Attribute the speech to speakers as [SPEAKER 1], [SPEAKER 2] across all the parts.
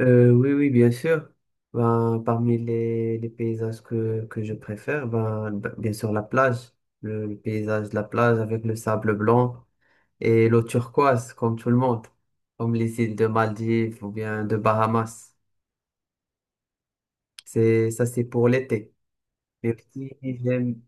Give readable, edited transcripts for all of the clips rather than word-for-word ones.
[SPEAKER 1] Oui, oui, bien sûr. Ben, parmi les paysages que je préfère, ben, bien sûr la plage, le paysage de la plage avec le sable blanc et l'eau turquoise, comme tout le monde, comme les îles de Maldives ou bien de Bahamas. Ça c'est pour l'été. Mais aussi, j'aime,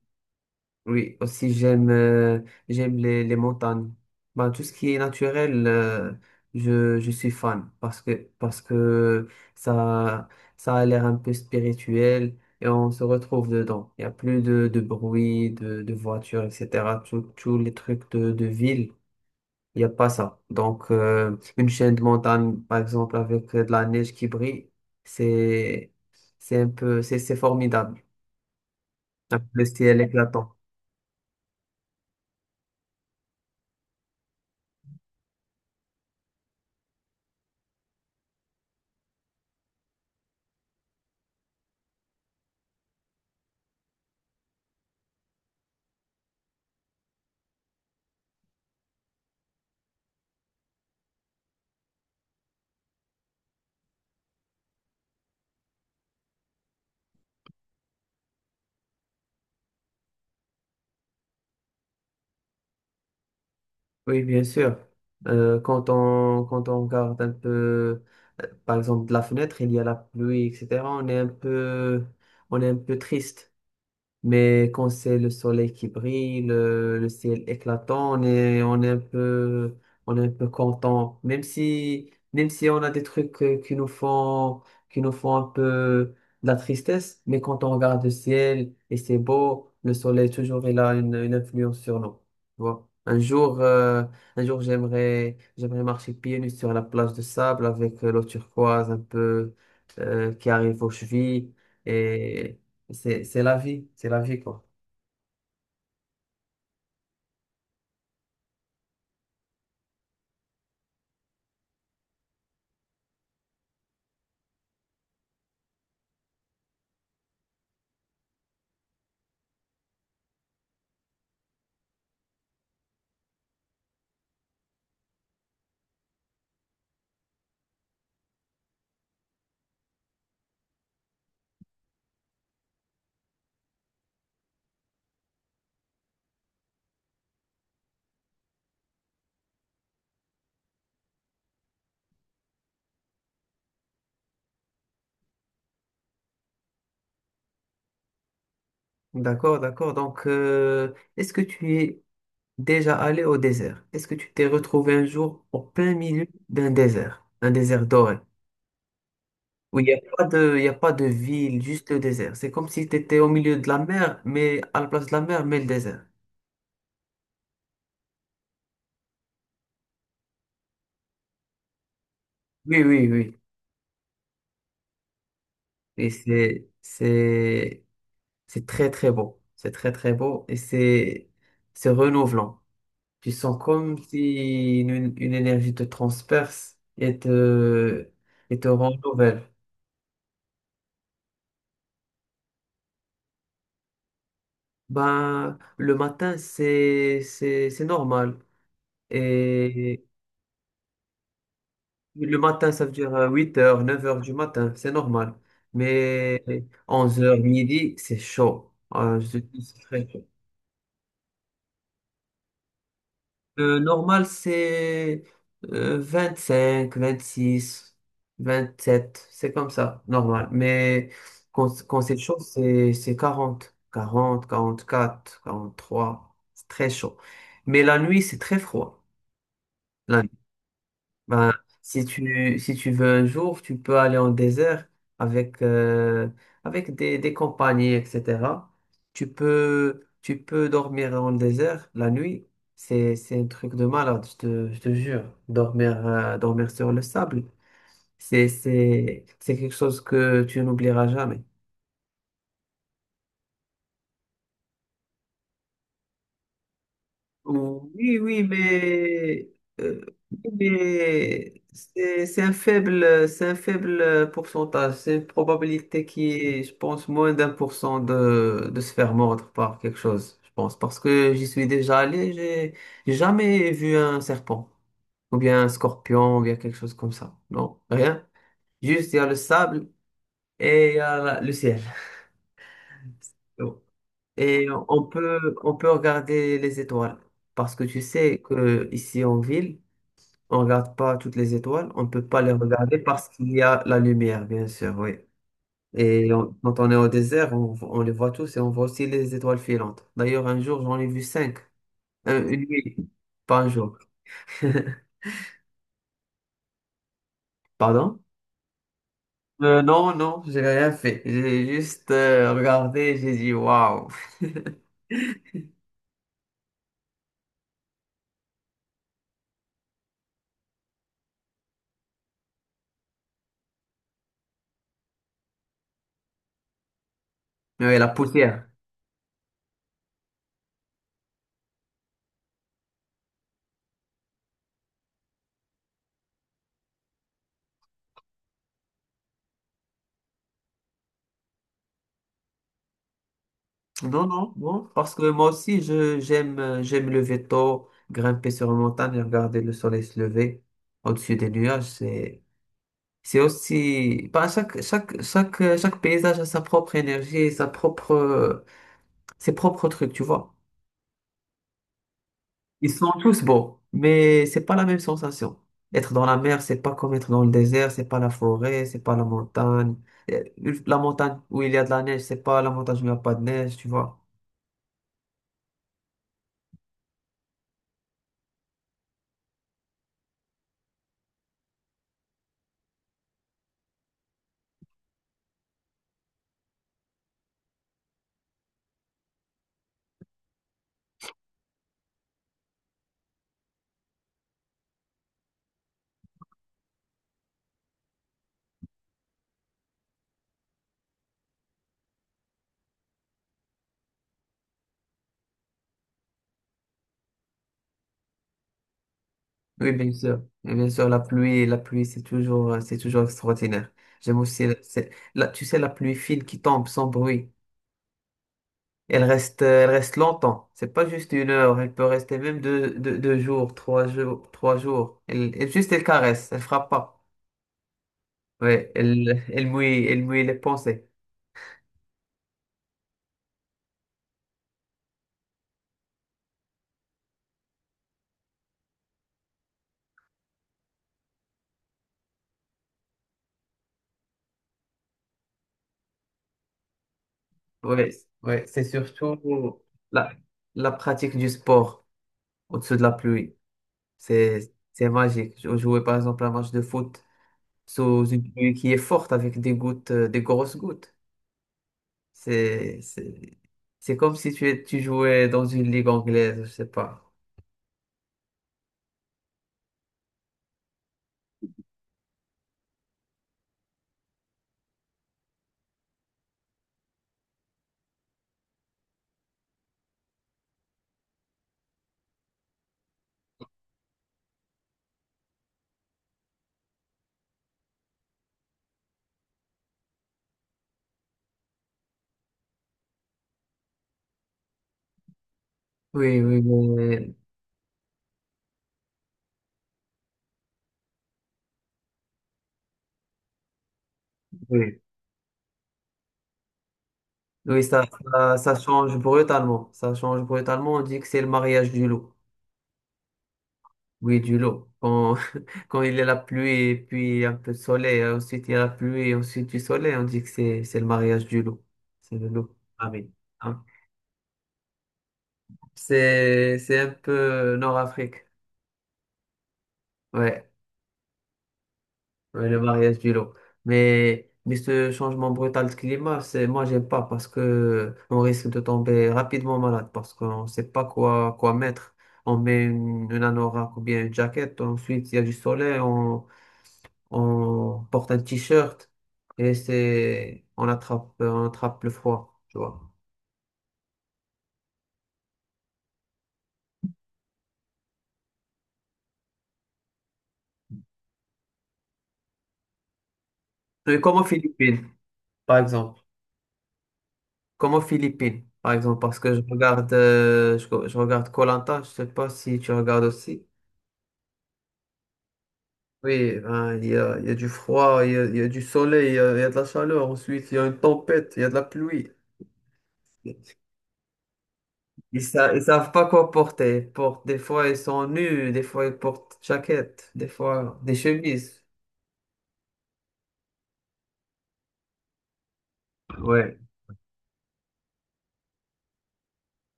[SPEAKER 1] Oui, aussi j'aime j'aime les montagnes. Ben, tout ce qui est naturel, je suis fan parce que ça ça a l'air un peu spirituel et on se retrouve dedans. Il n'y a plus de bruit, de voitures, etc. Tous tous les trucs de ville, il n'y a pas ça. Donc une chaîne de montagne, par exemple, avec de la neige qui brille, c'est c'est formidable. Un peu. Le ciel éclatant. Oui, bien sûr. Quand quand on regarde un peu, par exemple, de la fenêtre, il y a la pluie, etc. On est un peu, on est un peu triste. Mais quand c'est le soleil qui brille, le ciel éclatant, on est un peu, on est un peu content. Même si on a des trucs qui nous font un peu de la tristesse, mais quand on regarde le ciel et c'est beau, le soleil toujours il a une influence sur nous. Tu vois. Un jour j'aimerais marcher pieds nus sur la plage de sable avec l'eau turquoise un peu qui arrive aux chevilles et c'est la vie, quoi. D'accord, d'accord. Donc, est-ce que tu es déjà allé au désert? Est-ce que tu t'es retrouvé un jour au plein milieu d'un désert, un désert doré, où il n'y a pas de, il y a pas de ville, juste le désert. C'est comme si tu étais au milieu de la mer, mais à la place de la mer, mais le désert. Oui, oui, oui. Et c'est très, très beau. C'est très, très beau et c'est renouvelant. Tu sens comme si une énergie te transperce et et te rend nouvelle. Ben, le matin, c'est normal. Et le matin, ça veut dire huit heures neuf heures du matin, c'est normal. Mais onze heures midi, c'est chaud. Je te dis, c'est très. Le normal, c'est euh, six vingt sept, c'est comme ça, normal. Mais quand c'est chaud, c'est quarante quarante quarante quatre quarante trois, c'est très chaud. Mais la nuit, c'est très froid. La ben, si tu veux un jour, tu peux aller en désert avec, avec des compagnies, etc. Tu peux dormir en désert la nuit. C'est un truc de malade, je te jure. Dormir, dormir sur le sable, c'est quelque chose que tu n'oublieras jamais. Oh, oui, euh, oui, mais c'est un faible pourcentage. C'est une probabilité qui est, je pense, moins d'un pour cent de se faire mordre par quelque chose, je pense. Parce que j'y suis déjà allé, j'ai jamais vu un serpent, ou bien un scorpion, ou bien quelque chose comme ça. Non, rien. Juste, il y a le sable et il y a le ciel. Bon. Et on peut regarder les étoiles. Parce que tu sais que ici en ville, on regarde pas toutes les étoiles, on peut pas les regarder. Mhm. Parce qu'il y a la lumière, bien sûr, oui. Quand on est au désert, on les voit tous et on voit aussi les étoiles filantes. D'ailleurs, un jour, j'en ai vu cinq. Une nuit, pas un jour. Pardon? Non, non, j'ai rien fait. J'ai juste regardé, j'ai dit waouh. Mais la poussière. Non, non, non, parce que moi aussi, je j'aime j'aime me lever tôt, grimper sur une montagne et regarder le soleil se lever au-dessus des nuages. C'est aussi, bah, chaque paysage a sa propre énergie, sa propre, ses propres trucs, tu vois. Ils sont tous beaux, mais c'est pas la même sensation. Être dans la mer, c'est pas comme être dans le désert, c'est pas la forêt, c'est pas la montagne. Euh, La montagne où il y a de la neige, c'est pas la montagne où il n'y a pas de neige, tu vois. Oui, bien sûr. Bien sûr, la pluie, c'est toujours extraordinaire. J'aime aussi, tu sais, la pluie fine qui tombe sans bruit. Elle reste longtemps. C'est pas juste une heure. Elle peut rester même deux jours, trois jours. Elle caresse. Elle frappe pas. Ouais, elle mouille les pensées. Ouais, ouais, c'est surtout la, la pratique du sport au-dessus de la pluie. C'est magique. Je jouais par exemple un match de foot sous une pluie qui est forte avec des gouttes, des grosses gouttes. C'est, c'est, c'est comme si tu jouais dans une ligue anglaise, je sais pas. Oui, oui, mais oui. Oui, ça change brutalement. Ça change brutalement. On dit que c'est le mariage du loup. Oui, du lot. Quand, quand il y a la pluie et puis un peu de soleil, ensuite il y a la pluie et ensuite du soleil, on dit que c'est le mariage du lot. C'est le lot. Ah oui. Hein. C'est un peu Nord-Afrique. Ouais, ouais, le mariage du lot. Mais ce changement brutal de climat, c'est, moi, j'aime pas parce que on risque de tomber rapidement malade parce qu'on sait pas quoi mettre. On met une anorak ou bien une jaquette. Ensuite, il y a du soleil. On porte un t-shirt et c'est, on attrape le froid, tu vois. Mais comme aux Philippines, par exemple. Comme aux Philippines, par exemple, parce que je regarde, je regarde koh, je sais pas si tu regardes aussi. Oui, ben, il y a du froid, il y a du soleil, il y a de la chaleur, ensuite il y a une tempête, il y a de la pluie. Ils ils savent pas quoi porter. Ils portent- des fois ils sont nus, des fois ils portent jaquette, des fois des chemises. Ouais.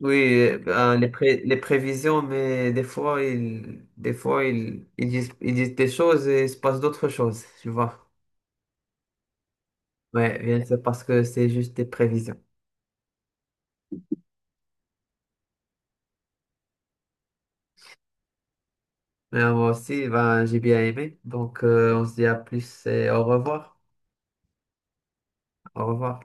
[SPEAKER 1] Oui, ben, les prévisions, mais des fois, ils disent des choses et il se passe d'autres choses, tu vois. Ouais, bien sûr, parce que c'est juste des prévisions. Mais moi aussi, ben, j'ai bien aimé. Donc, on se dit à plus et au revoir. Au revoir.